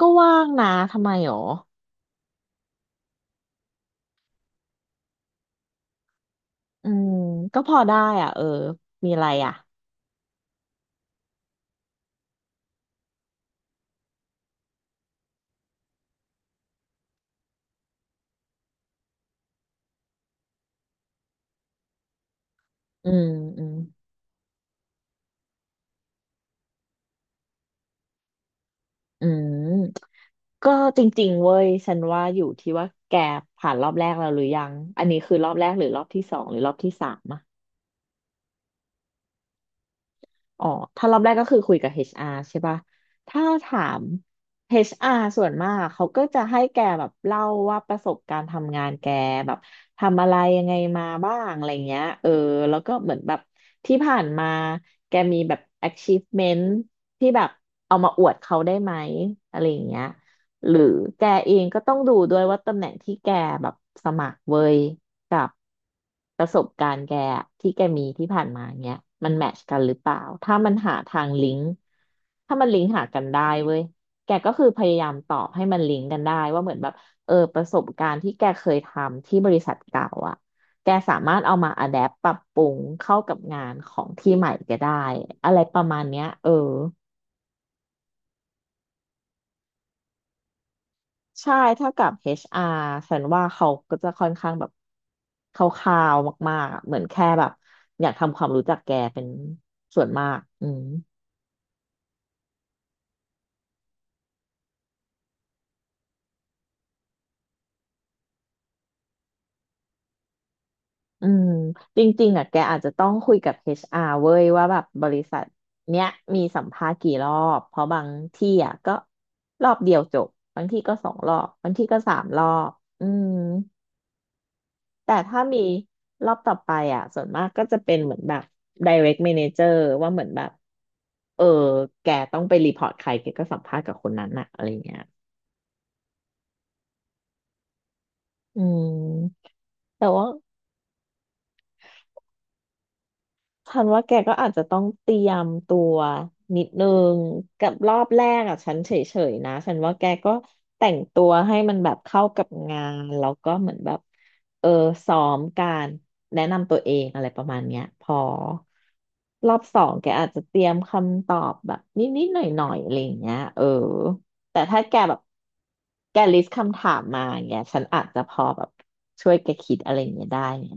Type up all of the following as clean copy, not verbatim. ก็ว่างนะ ทำไมหรออืม ก็พอได้อ่ะ เออ มีอะไรอ่ะ อืม อืมอืมก็จริงๆเว้ย ฉันว่าอยู่ที่ว่าแกผ่านรอบแรกแล้วหรือยัง อันนี้คือรอบแรกหรือรอบที่สองหรือรอบที่สามอะ อ๋อถ้ารอบแรกก็คือคุยกับ HR ใช่ป่ะ ถ้าถาม HR ส่วนมากเขาก็จะให้แกแบบเล่าว่าประสบการณ์ทำงานแกแบบทำอะไรยังไงมาบ้างอะไรเงี้ยเออแล้วก็เหมือนแบบที่ผ่านมาแกมีแบบ achievement ที่แบบเอามาอวดเขาได้ไหมอะไรอย่างเงี้ยหรือแกเองก็ต้องดูด้วยว่าตำแหน่งที่แกแบบสมัครเว้ย กับประสบการณ์แกอะที่แกมีที่ผ่านมาเนี้ยมันแมทช์กันหรือเปล่าถ้ามันหาทางลิงก์ถ้ามันลิงก์หากันได้เว้ยแกก็คือพยายามตอบให้มันลิงก์กันได้ว่าเหมือนแบบเออประสบการณ์ที่แกเคยทำที่บริษัทเก่าอ่ะแกสามารถเอามาอะแดปปรับปรุงเข้ากับงานของที่ใหม่แกได้อะไรประมาณเนี้ยเออ ใช่ถ้ากับ HR ฉันว่าเขาก็จะค่อนข้างแบบคร่าวๆมากๆอะเหมือนแค่แบบอยากทำความรู้จักแกเป็นส่วนมากอืมจริงๆอ่ะแกอาจจะต้องคุยกับ HR เว้ยว่าแบบบริษัทเนี้ยมีสัมภาษณ์กี่รอบ เพราะบางที่อ่ะก็รอบเดียวจบ บางที่ก็สองรอบ บางที่ก็สามรอบอืม แต่ถ้ามีรอบต่อไปอ่ะส่วนมากก็จะเป็นเหมือนแบบ direct manager ว่าเหมือนแบบเออแกต้องไปรีพอร์ตใครแกก็สัมภาษณ์กับคนนั้นอ่ะอะไรเงี้ยอืมแต่ว่า ฉันว่าแกก็อาจจะต้องเตรียมตัวนิดนึงกับรอบแรกอ่ะฉันเฉยๆนะฉันว่าแกก็แต่งตัวให้มันแบบเข้ากับงานแล้วก็เหมือนแบบเออซ้อมการแนะนำตัวเองอะไรประมาณเนี้ยพอรอบสองแกอาจจะเตรียมคำตอบแบบนิดๆหน่อยๆอะไรอย่างเงี้ยเออแต่ถ้าแกแบบแกลิสต์คำถามมาอย่างเงี้ยฉันอาจจะพอแบบช่วยแกคิดอะไรอย่างเงี้ยได้ไง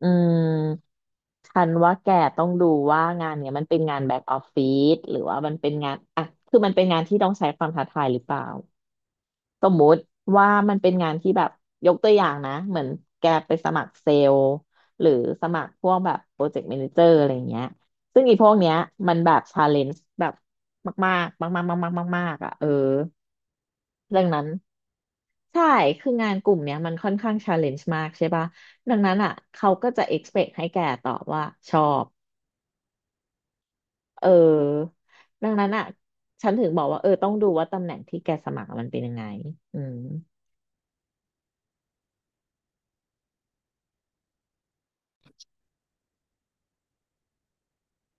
อืม ฉันว่าแกต้องดูว่างานเนี้ยมันเป็นงานแบ็กออฟฟิศหรือว่ามันเป็นงานอ่ะคือมันเป็นงานที่ต้องใช้ความท้าทายหรือเปล่า สมมุติว่ามันเป็นงานที่แบบยกตัวอย่างนะเหมือนแกไปสมัครเซลล์หรือสมัครพวกแบบโปรเจกต์แมเนเจอร์อะไรเงี้ยซึ่งอีพวกเนี้ยมันแบบชาเลนจ์แบบมากๆมากๆมากๆมากๆมากๆอ่ะเออเรื่องนั้นใช่คืองานกลุ่มเนี้ยมันค่อนข้างชาเลนจ์มากใช่ป่ะดังนั้นอ่ะเขาก็จะ expect ให้แกตอบว่าชอบเออดังนั้นอ่ะฉันถึงบอกว่าเออต้องดูว่าตำแหน่งที่แกสมัครมันเป็นยังไงอืม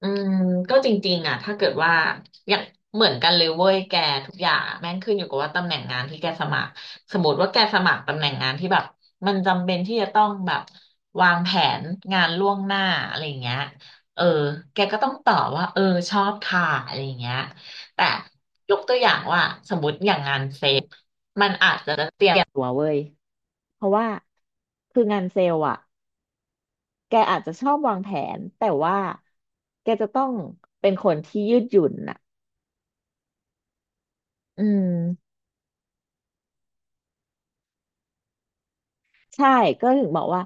อืมก็จริงๆอ่ะถ้าเกิดว่าอย่างเหมือนกันเลยเว้ยแกทุกอย่างอะแม่งขึ้นอยู่กับว่าตำแหน่งงานที่แกสมัครสมมติว่าแกสมัครตำแหน่งงานที่แบบมันจำเป็นที่จะต้องแบบวางแผนงานล่วงหน้าอะไรอย่างเงี้ยเออแกก็ต้องตอบว่าเออชอบค่ะอะไรอย่างเงี้ยแต่ยกตัวอย่างว่าสมมติอย่างงานเซลล์ตัวเว้ยเพราะว่าคืองานเซลล์อ่ะแกอาจจะชอบวางแผนแต่ว่าแกจะต้องเป็นคนที่ยืดหยุ่นน่ะ อืมใช่ก็ถึงบอกว่า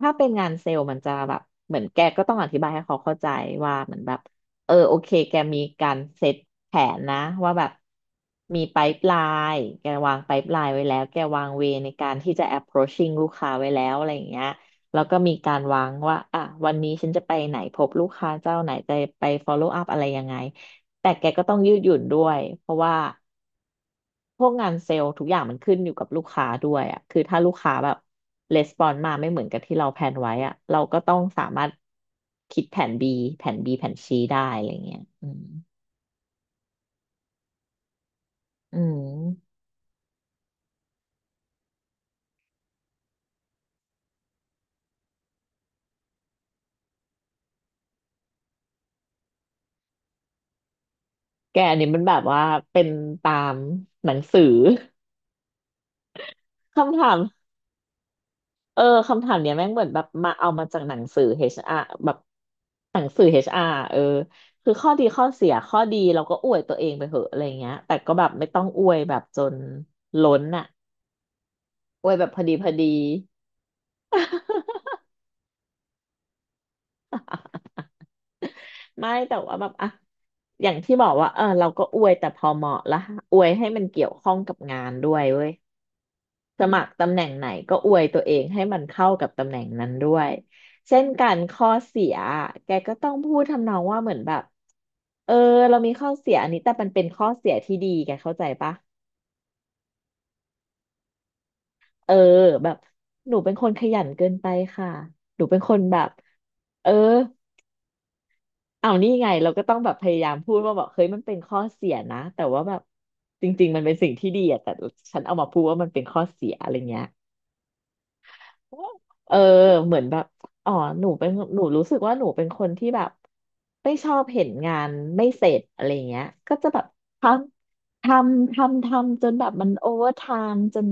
ถ้าเป็นงานเซลล์มันจะแบบเหมือนแกก็ต้องอธิบายให้เขาเข้าใจว่าเหมือนแบบเออโอเคแกมีการเซตแผนนะว่าแบบมีไ i ป e l ล n e แกวางไ i ป e l ล n e ไว้แล้วแกวางเวในการที่จะ approaching ลูกค้าไว้แล้วอะไรอย่างเงี้ยแล้วก็มีการวางว่าอ่ะวันนี้ฉันจะไปไหนพบลูกค้าเจ้าไหนจะไป follow up อะไรยังไงแต่แกก็ต้องยืดหยุ่นด้วยเพราะว่า พวกงานเซลล์ทุกอย่างมันขึ้นอยู่กับลูกค้าด้วยอ่ะคือถ้าลูกค้าแบบレスปอนมาไม่เหมือนกับที่เราแพลนไว้อ่ะเราก็ต้องสามารถคิดแผน B แผน C ได้อะไรเงี้ยอืมอืมแกอันนี้มันแบบว่าเป็นตามหนังสือ คำถามเออคำถามเนี้ยแม่งเหมือนแบบมาเอามาจากหนังสือเอชอาร์แบบหนังสือเอชอาร์เออคือข้อดีข้อเสียข้อดีเราก็อวยตัวเองไปเหอะอะไรเงี้ยแต่ก็แบบไม่ต้องอวยแบบจนล้นอ่ะ อวยแบบพอดี ไม่แต่ว่าแบบอ่ะอย่างที่บอกว่าเออเราก็อวยแต่พอเหมาะละอวยให้มันเกี่ยวข้องกับงานด้วยเว้ยสมัครตำแหน่งไหนก็อวยตัวเองให้มันเข้ากับตำแหน่งนั้นด้วยเช่นกันข้อเสียแกก็ต้องพูดทำนองว่าเหมือนแบบเออเรามีข้อเสียอันนี้แต่มันเป็นข้อเสียที่ดีแกเข้าใจปะเออแบบหนูเป็นคนขยันเกินไปค่ะหนูเป็นคนแบบเออ เอานี่ไงเราก็ต้องแบบพยายามพูดว่าแบบเฮ้ยมันเป็นข้อเสียนะแต่ว่าแบบจริงๆมันเป็นสิ่งที่ดีอะแต่ฉันเอามาพูดว่ามันเป็นข้อเสียอะไรเงี้ยเออเหมือนแบบอ๋อหนูเป็นหนูรู้สึกว่าหนูเป็นคนที่แบบไม่ชอบเห็นงานไม่เสร็จอะไรเงี้ยก็จะแบบทำทำทำทำจนแบบมันโอเวอร์ไทม์จน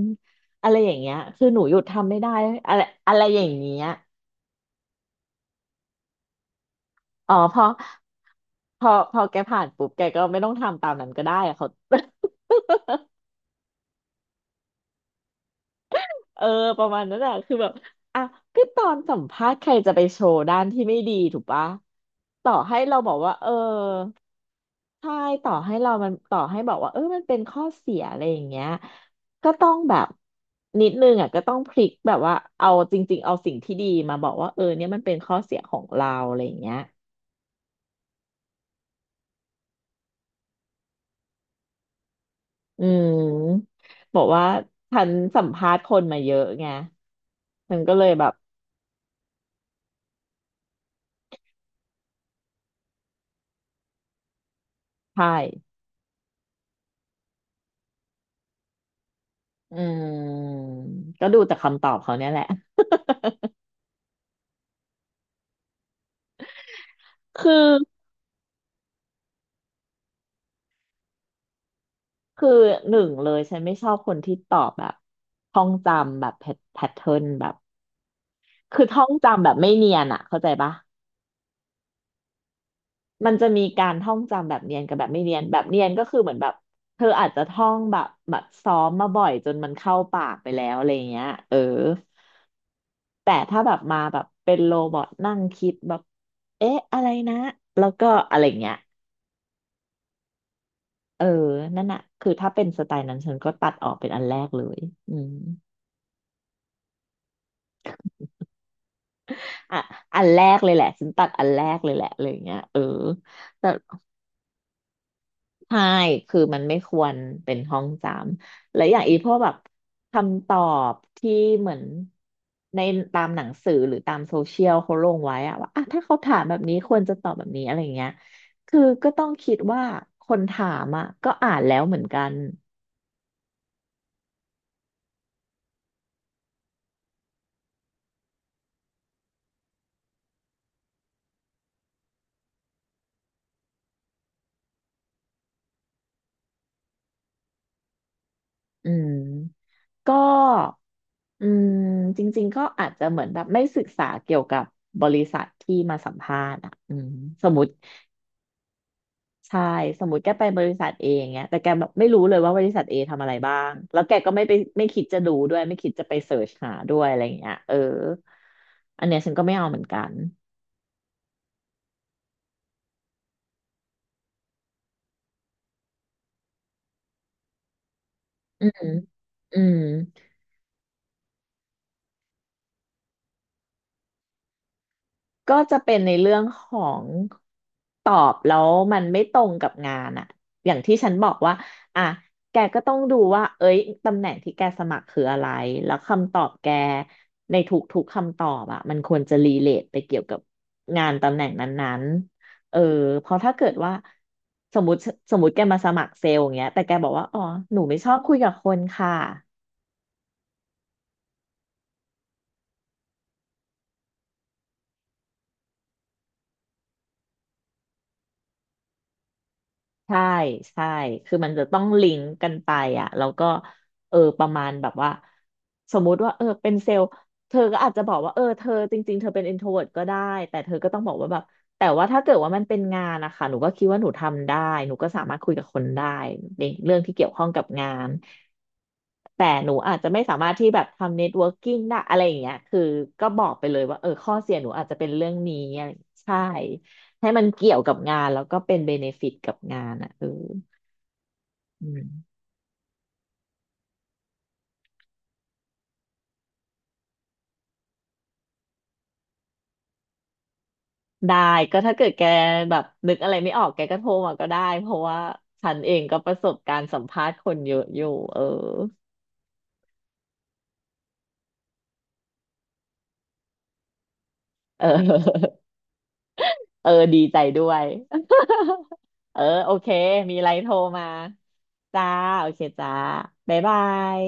อะไรอย่างเงี้ยคือหนูหยุดทำไม่ได้อะไรอะไรอย่างเงี้ย อ๋อพอแกผ่านปุ๊บแกก็ไม่ต้องทำตามนั้นก็ได้อะเขา เออประมาณนั้นอะคือแบบอ่ะก็ตอนสัมภาษณ์ใครจะไปโชว์ด้านที่ไม่ดีถูกปะต่อให้เราบอกว่าเออใช่ต่อให้บอกว่าเออมันเป็นข้อเสียอะไรอย่างเงี้ยก็ต้องแบบนิดนึงอ่ะก็ต้องพลิกแบบว่าเอาจริงๆเอาสิ่งที่ดีมาบอกว่าเออเนี่ยมันเป็นข้อเสียของเราอะไรอย่างเงี้ย อืมบอกว่าฉันสัมภาษณ์คนมาเยอะไงฉันก็เลยแบบใช่อืมก็ดูจากคำตอบเขาเนี่ยแหละคือคือหนึ่งเลยฉันไม่ชอบคนที่ตอบแบบท่องจำแบบแพทเทิร์นแบบคือท่องจำแบบไม่เนียนอะเข้าใจปะมันจะมีการท่องจำแบบเนียนกับแบบไม่เนียนแบบเนียนก็คือเหมือนแบบเธออาจจะท่องแบบซ้อมมาบ่อยจนมันเข้าปากไปแล้วอะไรเงี้ยเออ แต่ถ้าแบบมาแบบเป็นโรบอทนั่งคิดแบบเอ๊ะอะไรนะแล้วก็อะไรเงี้ยเออนั่นน่ะคือถ้าเป็นสไตล์นั้นฉันก็ตัดออกเป็นอันแรกเลยอืมอ่ะอันแรกเลยแหละฉันตัดอันแรกเลยแหละอะไรอย่างเงี้ยเออแต่ ใช่คือมันไม่ควรเป็นห้องจำและอย่างอีพวกแบบคำตอบที่เหมือนในตามหนังสือหรือตามโซเชียลเขาลงไว้อะว่าอ่ะถ้าเขาถามแบบนี้ควรจะตอบแบบนี้อะไรเงี้ยคือก็ต้องคิดว่าคนถามอ่ะก็อ่านแล้วเหมือนกันอืมก็อืมจริงๆก็อาจจะเหมือนแบบไม่ศึกษาเกี่ยวกับบริษัทที่มาสัมภาษณ์อ่ะอืมสมมติ ใช่สมมติแกไปบริษัทเองเงี้ยแต่แกแบบไม่รู้เลยว่าบริษัทเอทำอะไรบ้างแล้วแกก็ไม่ไปไม่คิดจะดูด้วยไม่คิดจะไปเสิร์ชหาด้วยอะไรอย่างเงี้ยเอออันเนี้ยฉันก็ไม่เอาเหมือนกันอืมอืม ก็จะเป็นในเรื่องของตอบแล้วมันไม่ตรงกับงานอะอย่างที่ฉันบอกว่าอ่ะแกก็ต้องดูว่าเอ้ยตำแหน่งที่แกสมัครคืออะไรแล้วคำตอบแกในทุกๆคำตอบอะมันควรจะรีเลทไปเกี่ยวกับงานตำแหน่งนั้นๆเออเพราะถ้าเกิดว่าสมมติสมมติแกมาสมัครเซลล์อย่างเงี้ยแต่แกบอกว่าอ๋อหนูไม่ชอบคุยกับคนค่ะ ใช่ใช่คือมันจะต้องลิงก์กันไปอ่ะแล้วก็เออประมาณแบบว่าสมมุติว่าเออเป็นเซลล์เธอก็อาจจะบอกว่าเออเธอจริงๆเธอเป็น introvert ก็ได้แต่เธอก็ต้องบอกว่าแบบแต่ว่าถ้าเกิดว่ามันเป็นงานนะคะหนูก็คิดว่าหนูทำได้หนูก็สามารถคุยกับคนได้ในเรื่องที่เกี่ยวข้องกับงานแต่หนูอาจจะไม่สามารถที่แบบทำเน็ตเวิร์กิ่งได้อะไรอย่างเงี้ยคือก็บอกไปเลยว่าเออข้อเสียหนูอาจจะเป็นเรื่องนี้อะไรใช่ ให้มันเกี่ยวกับงานแล้วก็เป็นเบเนฟิตกับงานอ่ะเอออืมได้ก็ถ้าเกิดแกแบบนึกอะไรไม่ออกแกก็โทรมาก็ได้เพราะว่าฉันเองก็ประสบการณ์สัมภาษณ์คนเยอะอยู่เออเออเออดีใจด้วย เออโอเคมีอะไรโทรมาจ้าโอเคจ้าบ๊ายบาย